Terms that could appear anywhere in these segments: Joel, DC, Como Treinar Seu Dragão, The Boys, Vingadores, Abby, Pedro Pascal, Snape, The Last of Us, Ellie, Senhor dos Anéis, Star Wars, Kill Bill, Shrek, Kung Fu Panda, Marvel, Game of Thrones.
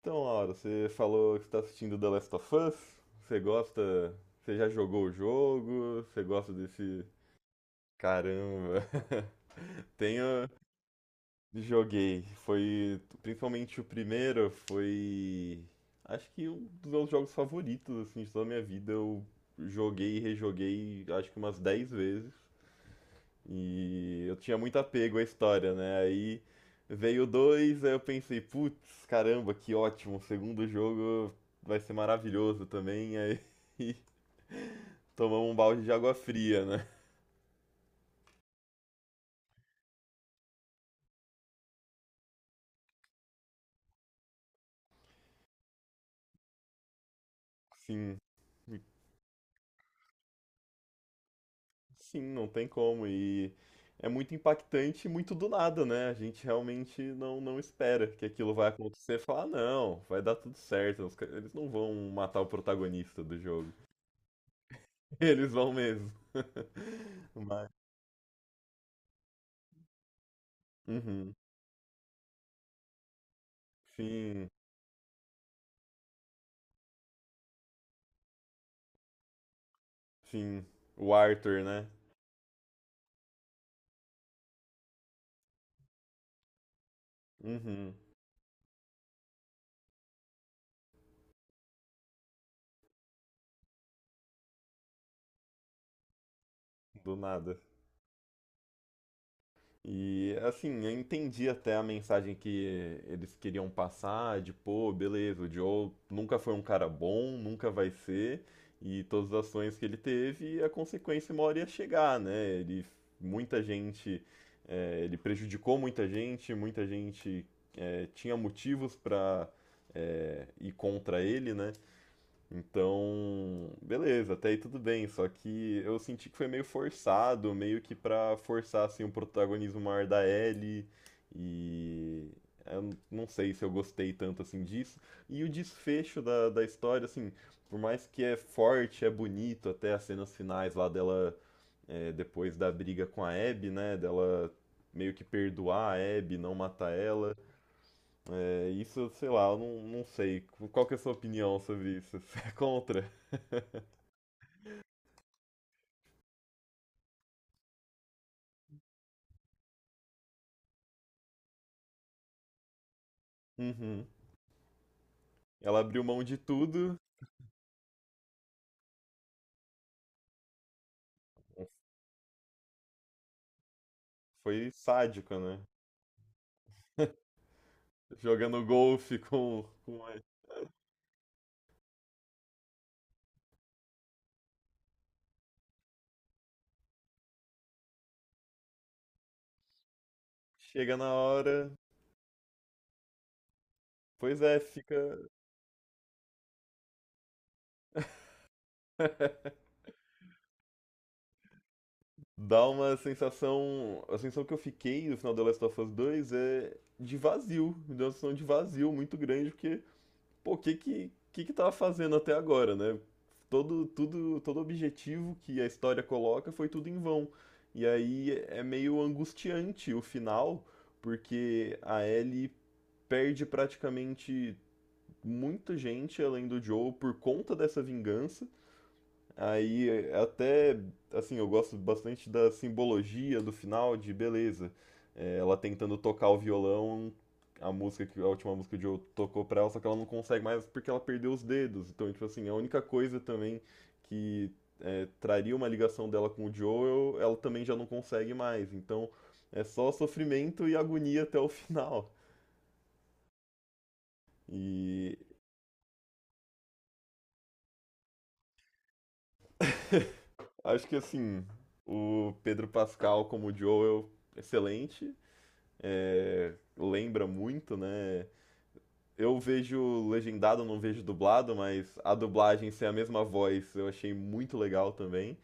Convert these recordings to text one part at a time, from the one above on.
Então, Laura, você falou que está assistindo The Last of Us. Você gosta? Você já jogou o jogo? Você gosta desse? Caramba! Tenho, joguei. Foi principalmente o primeiro. Foi acho que um dos meus jogos favoritos assim de toda a minha vida. Eu joguei e rejoguei acho que umas 10 vezes. E eu tinha muito apego à história, né? Aí veio o dois, aí eu pensei, putz, caramba, que ótimo, o segundo jogo vai ser maravilhoso também. Aí tomamos um balde de água fria, né? Sim, sim, não tem como. E é muito impactante e muito do nada, né? A gente realmente não espera que aquilo vai acontecer. Falar, não, vai dar tudo certo. Eles não vão matar o protagonista do jogo. Eles vão mesmo. Mas, uhum. Sim, sim. O Arthur, né? Uhum, do nada. E assim, eu entendi até a mensagem que eles queriam passar, de pô, beleza, o Joe nunca foi um cara bom, nunca vai ser, e todas as ações que ele teve, a consequência uma hora ia chegar, né? Ele, muita gente, é, ele prejudicou muita gente é, tinha motivos pra ir contra ele, né? Então, beleza, até aí tudo bem, só que eu senti que foi meio forçado, meio que pra forçar assim o protagonismo maior da Ellie e não sei se eu gostei tanto assim disso. E o desfecho da história, assim, por mais que é forte, é bonito, até as cenas finais lá dela, é, depois da briga com a Abby, né, dela meio que perdoar a Abby, não matar ela, é, isso, sei lá, eu não sei. Qual que é a sua opinião sobre isso? Você é contra? Uhum. Ela abriu mão de tudo, foi sádico, né? Jogando golfe com a- Chega na hora. Pois é, fica. Dá uma sensação. A sensação que eu fiquei no final do Last of Us 2 é de vazio. Me deu uma sensação de vazio muito grande, porque, pô, o que que tava fazendo até agora, né? Todo, tudo, todo objetivo que a história coloca foi tudo em vão. E aí é meio angustiante o final, porque a Ellie perde praticamente muita gente além do Joe por conta dessa vingança. Aí é, até assim, eu gosto bastante da simbologia do final de beleza. É, ela tentando tocar o violão, a última música que o Joe tocou pra ela, só que ela não consegue mais porque ela perdeu os dedos. Então, tipo assim, a única coisa também que é, traria uma ligação dela com o Joe, ela também já não consegue mais. Então, é só sofrimento e agonia até o final. E acho que assim, o Pedro Pascal como Joel, excelente. É, lembra muito, né? Eu vejo legendado, não vejo dublado, mas a dublagem ser a mesma voz eu achei muito legal também.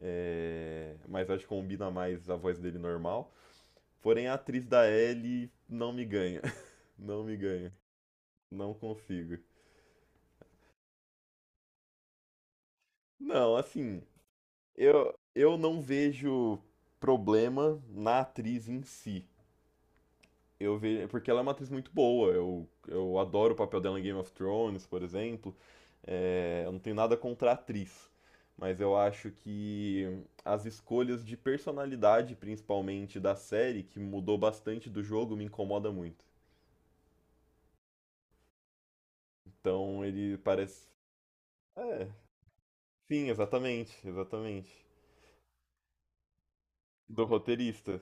É, mas acho que combina mais a voz dele normal. Porém, a atriz da Ellie não me ganha. Não me ganha. Não consigo. Não, assim, eu não vejo problema na atriz em si. Eu vejo. Porque ela é uma atriz muito boa. Eu adoro o papel dela em Game of Thrones, por exemplo. É, eu não tenho nada contra a atriz. Mas eu acho que as escolhas de personalidade, principalmente da série, que mudou bastante do jogo, me incomoda muito. Então ele parece. É, sim, exatamente, exatamente. Do roteirista.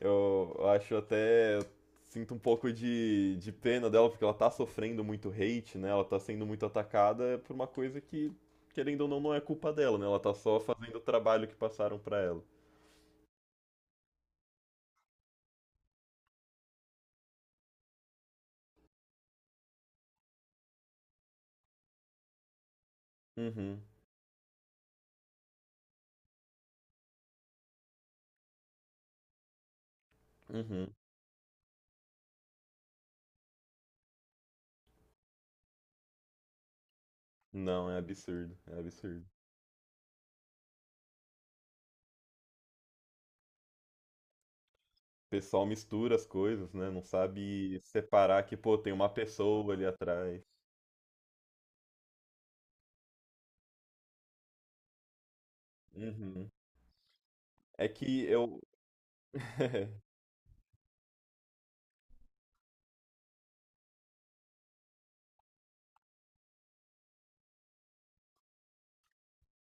Eu acho até. Eu sinto um pouco de pena dela, porque ela tá sofrendo muito hate, né? Ela tá sendo muito atacada é por uma coisa que, querendo ou não, não é culpa dela, né? Ela tá só fazendo o trabalho que passaram pra ela. Uhum, uhum. Não, é absurdo, é absurdo. O pessoal mistura as coisas, né? Não sabe separar que, pô, tem uma pessoa ali atrás. Uhum. É que eu.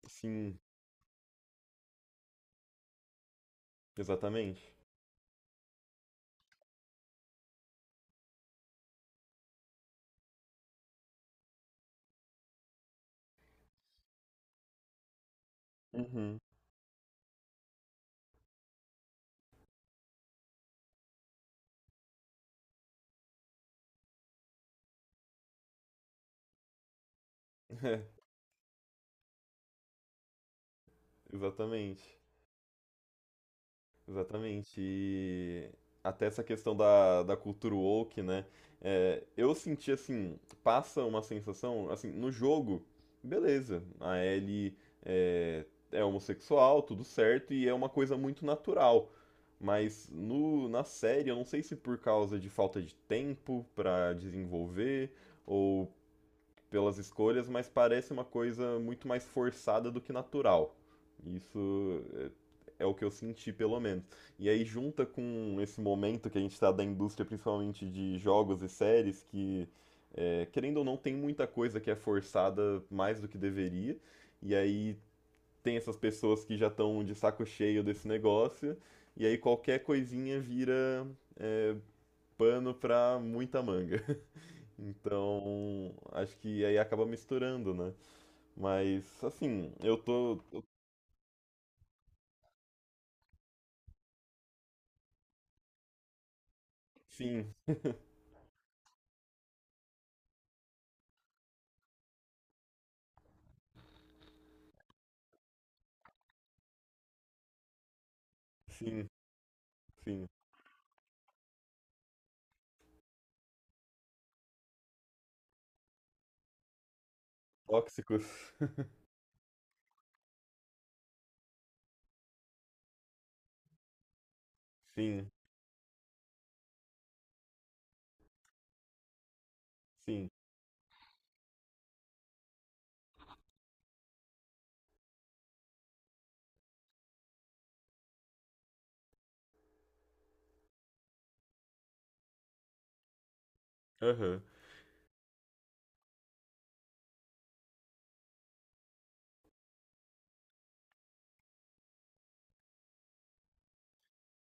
Sim, exatamente. Uhum. É, exatamente. Exatamente. E até essa questão da cultura woke, né? É, eu senti assim, passa uma sensação, assim, no jogo, beleza, a Ellie é, é homossexual, tudo certo, e é uma coisa muito natural. Mas na série, eu não sei se por causa de falta de tempo pra desenvolver, ou pelas escolhas, mas parece uma coisa muito mais forçada do que natural. Isso é, é o que eu senti, pelo menos. E aí junta com esse momento que a gente está da indústria, principalmente de jogos e séries, que é, querendo ou não tem muita coisa que é forçada mais do que deveria. E aí tem essas pessoas que já estão de saco cheio desse negócio. E aí qualquer coisinha vira é, pano para muita manga. Então, acho que aí acaba misturando, né? Mas, assim, sim, sim, sim. Tóxicos. Sim, sim. Aham,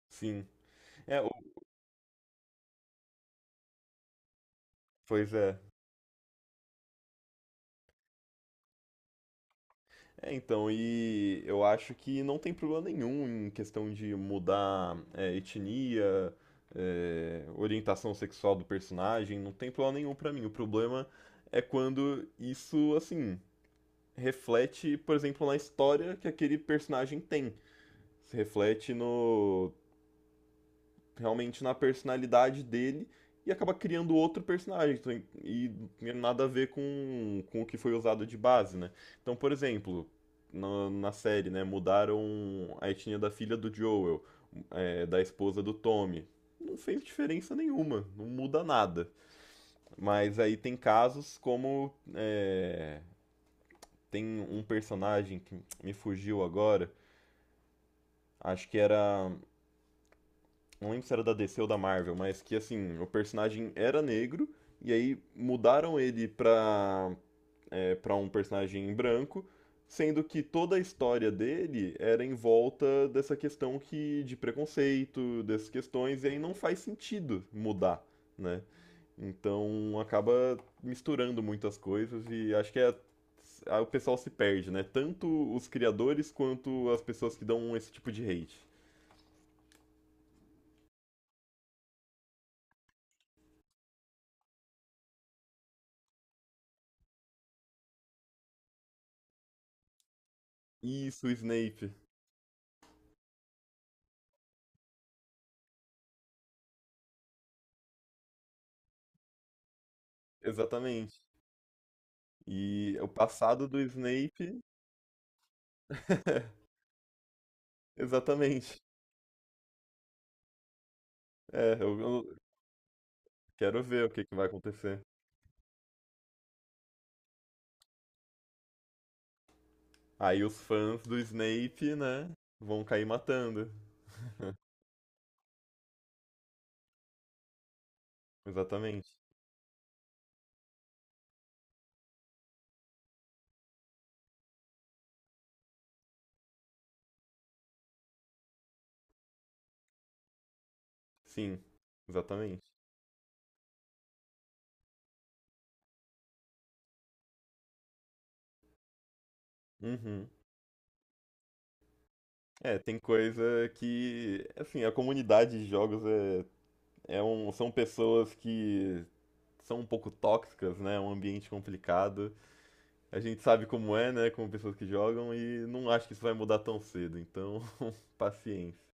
sim. É, o- pois é. É, então, e eu acho que não tem problema nenhum em questão de mudar é, etnia, é, orientação sexual do personagem, não tem problema nenhum pra mim. O problema é quando isso, assim. Reflete, por exemplo, na história que aquele personagem tem. Se reflete no realmente na personalidade dele e acaba criando outro personagem. Então, e e nada a ver com o que foi usado de base, né? Então, por exemplo, na série, né, mudaram a etnia da filha do Joel, é, da esposa do Tommy. Não fez diferença nenhuma, não muda nada. Mas aí tem casos como. É, tem um personagem que me fugiu agora, acho que era. Não lembro se era da DC ou da Marvel, mas que assim, o personagem era negro, e aí mudaram ele pra, é, pra um personagem branco, sendo que toda a história dele era em volta dessa questão que, de preconceito, dessas questões, e aí não faz sentido mudar, né? Então acaba misturando muitas coisas e acho que é o pessoal se perde, né? Tanto os criadores quanto as pessoas que dão esse tipo de hate. Isso, o Snape. Exatamente. E o passado do Snape. Exatamente. É, eu quero ver o que que vai acontecer. Aí os fãs do Snape, né, vão cair matando. Exatamente. Sim, exatamente. Uhum. É, tem coisa que, assim, a comunidade de jogos é, é um, são pessoas que são um pouco tóxicas, né? É um ambiente complicado. A gente sabe como é, né? Como pessoas que jogam, e não acho que isso vai mudar tão cedo, então, paciência.